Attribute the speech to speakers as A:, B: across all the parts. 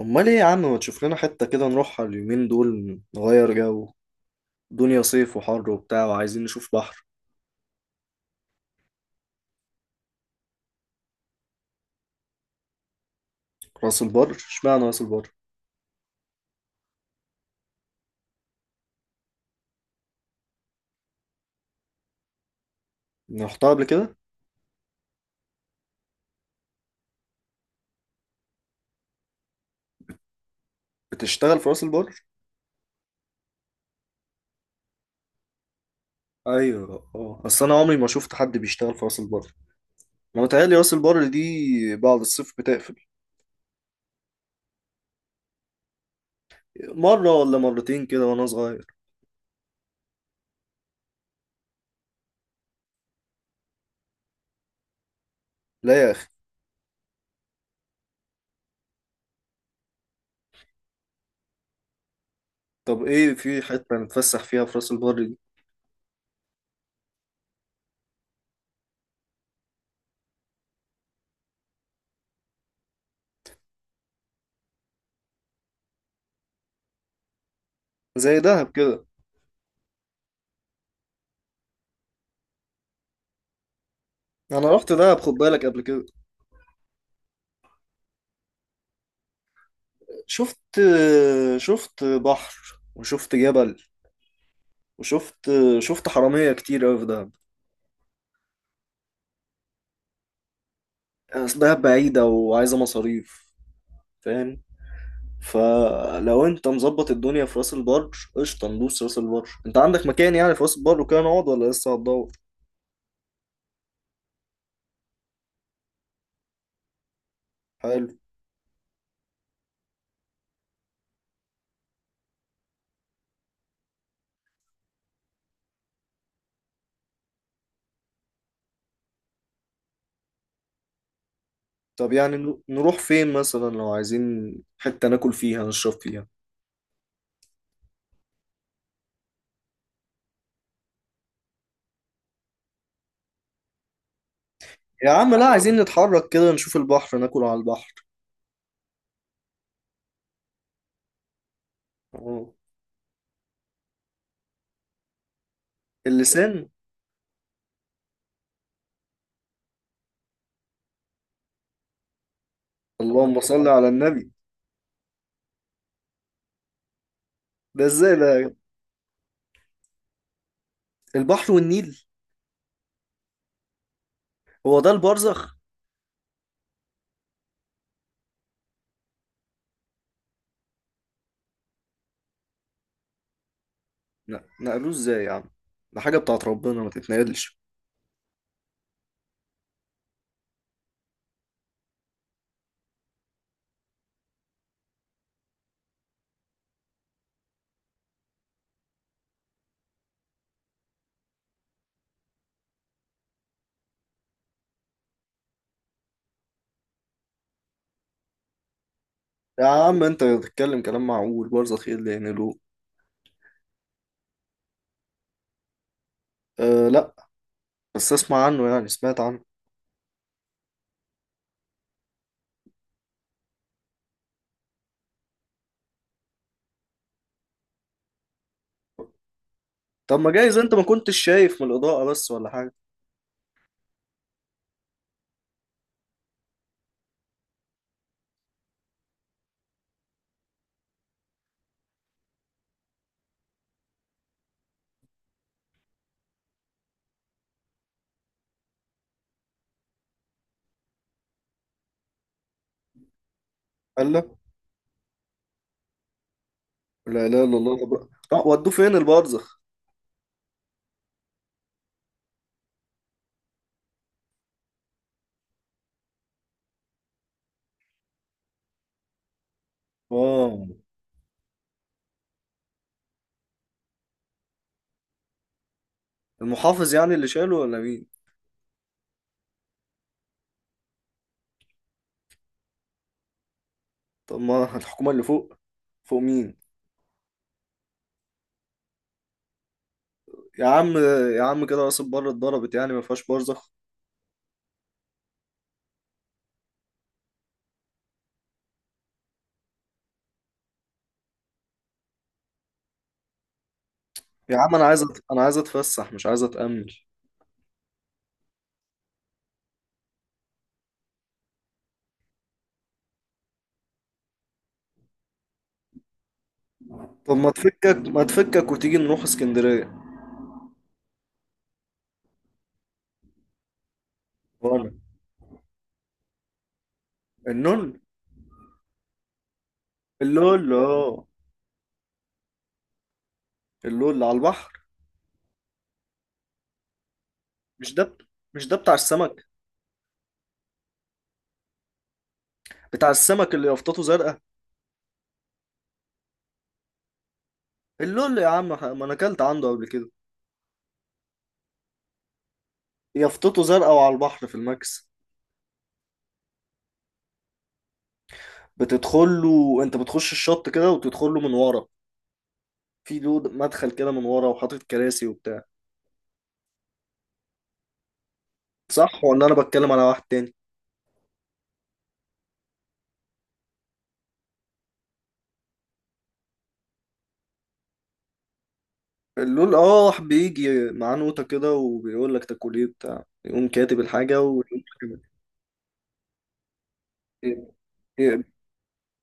A: امال ايه يا عم، ما تشوف لنا حتة كده نروحها اليومين دول نغير جو. دنيا صيف وحر وبتاع وعايزين نشوف بحر. راس البر اشمعنى راس البر؟ رحتها قبل كده؟ بتشتغل في راس البر؟ ايوه اه، اصل انا عمري ما شفت حد بيشتغل في راس البر. انا متهيألي راس البر دي بعد الصيف بتقفل. مرة ولا مرتين كده وانا صغير. لا يا اخي. طب ايه في حتة نتفسح فيها في راس البر دي؟ زي دهب كده؟ انا رحت دهب خد بالك قبل كده. شفت، شفت بحر، وشفت جبل، وشفت حرامية كتير أوي في دهب. يعني أصل دهب بعيدة وعايزة مصاريف، فاهم؟ فلو أنت مظبط الدنيا في راس البر، قشطة ندوس راس البر. أنت عندك مكان يعني في راس البر وكده نقعد ولا لسه هتدور؟ حلو. طب يعني نروح فين مثلا لو عايزين حتة ناكل فيها نشرب فيها؟ يا عم لا، عايزين نتحرك كده نشوف البحر، ناكل على البحر. أه. اللسان؟ اللهم صل على النبي. ده ازاي ده؟ البحر والنيل؟ هو ده البرزخ. لا نقلوه ازاي يا عم؟ ده حاجة بتاعت ربنا ما تتنقلش. يا عم انت بتتكلم كلام معقول، برزة خير اللي ينقلوه. أه لا، بس اسمع عنه، يعني سمعت عنه. طب ما جايز انت ما كنتش شايف من الإضاءة بس ولا حاجة؟ قال لا. لا لا لا الله. طب لا، ودوه فين البرزخ؟ اه المحافظ يعني اللي شاله ولا مين؟ طب ما الحكومة اللي فوق؟ فوق مين؟ يا عم. يا عم كده راس البر اتضربت، يعني ما فيهاش برزخ. يا عم انا عايز انا عايز اتفسح مش عايز اتأمل. طب ما تفكك، ما تفكك وتيجي نروح اسكندرية؟ ولا النون؟ اللول؟ اه اللول اللي على البحر. مش ده، مش ده بتاع السمك؟ بتاع السمك اللي يافطته زرقاء. اللول يا عم، ما انا اكلت عنده قبل كده. يافطته زرقاء وعلى البحر في الماكس. بتدخل له، انت بتخش الشط كده وتدخل له من ورا. في له مدخل كده من ورا وحاطط كراسي وبتاع. صح، ولا انا بتكلم على واحد تاني؟ اللول اه، بيجي معاه نوتة كده وبيقول لك تاكل ايه بتاع، يقوم كاتب الحاجة ويقول لك.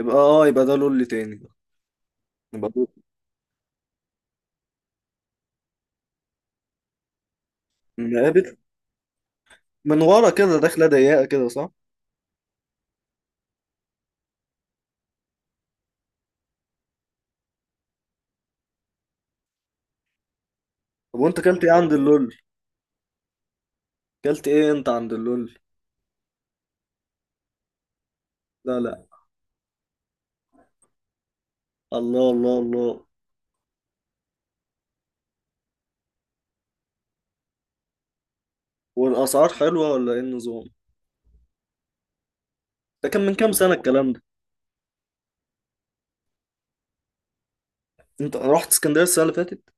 A: يبقى اه، يبقى ده لول تاني. يبقى ده- من ورا كده، داخله ضيقه كده، صح. طب وانت كلت ايه عند اللول؟ كلت ايه انت عند اللول؟ لا لا. الله الله الله. والاسعار حلوه ولا ايه النظام؟ ده كان من كام سنه الكلام ده؟ انت رحت اسكندريه السنه اللي فاتت؟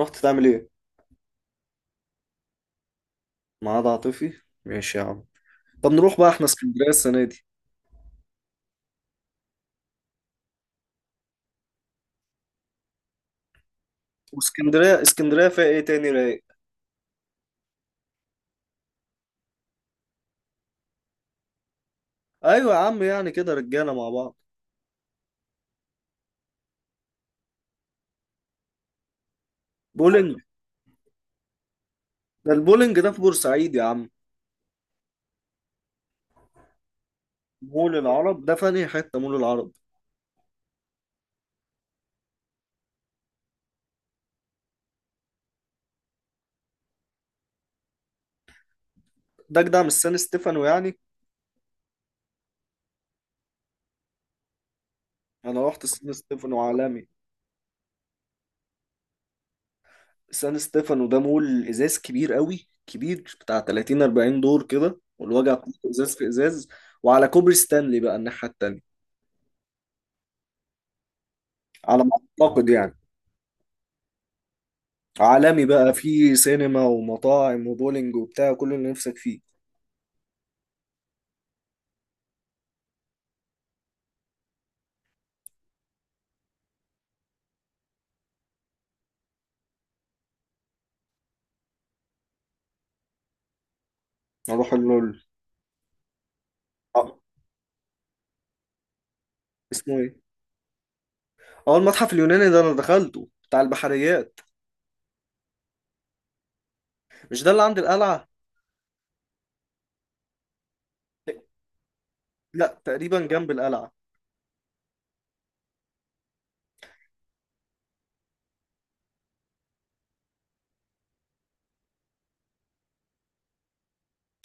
A: رحت تعمل ايه؟ معاد عاطفي، ماشي يا عم. طب نروح بقى احنا اسكندريه السنه دي؟ واسكندريه، اسكندريه فيها ايه تاني رايق؟ ايوه يا عم، يعني كده رجاله مع بعض. بولينج؟ ده البولينج ده في بورسعيد يا عم. مول العرب ده في انهي حته مول العرب؟ ده جدع، مش سان ستيفانو يعني؟ انا رحت سان ستيفانو عالمي. سان ستيفانو ده مول ازاز كبير قوي، كبير بتاع 30 40 دور كده، والوجع كله ازاز في ازاز، وعلى كوبري ستانلي بقى الناحيه التانيه. على ما اعتقد يعني. عالمي بقى فيه سينما ومطاعم وبولينج وبتاع كل اللي نفسك فيه. اروح اللول. آه، اسمه ايه؟ اه المتحف اليوناني ده انا دخلته بتاع البحريات. مش ده اللي عند القلعه؟ لا تقريبا جنب القلعه.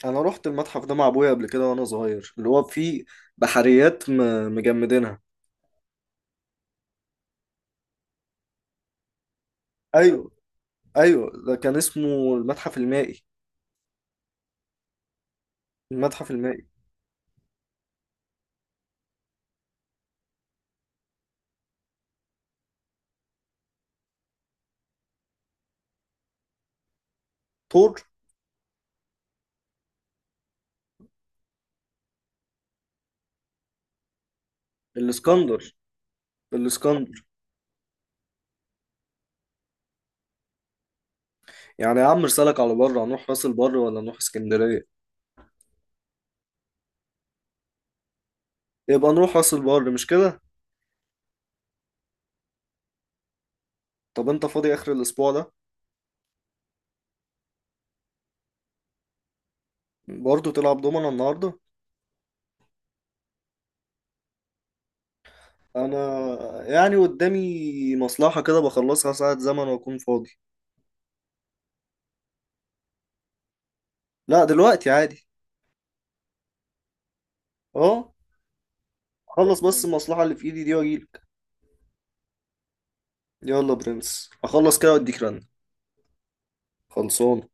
A: انا رحت المتحف ده مع ابويا قبل كده وانا صغير، اللي هو فيه بحريات مجمدينها. ايوه. ايوه ده كان اسمه المتحف المائي. المتحف المائي. طور؟ الاسكندر. الاسكندر. يعني يا عم رسالك على بره هنروح راس البر ولا نروح اسكندريه؟ يبقى نروح راس البر مش كده؟ طب انت فاضي اخر الاسبوع ده؟ برضه تلعب دومنا النهارده؟ انا يعني قدامي مصلحه كده بخلصها ساعه زمن واكون فاضي. لا دلوقتي عادي. اه. خلص بس المصلحه اللي في ايدي دي واجيلك. يلا برنس اخلص كده واديك رن. خلصان.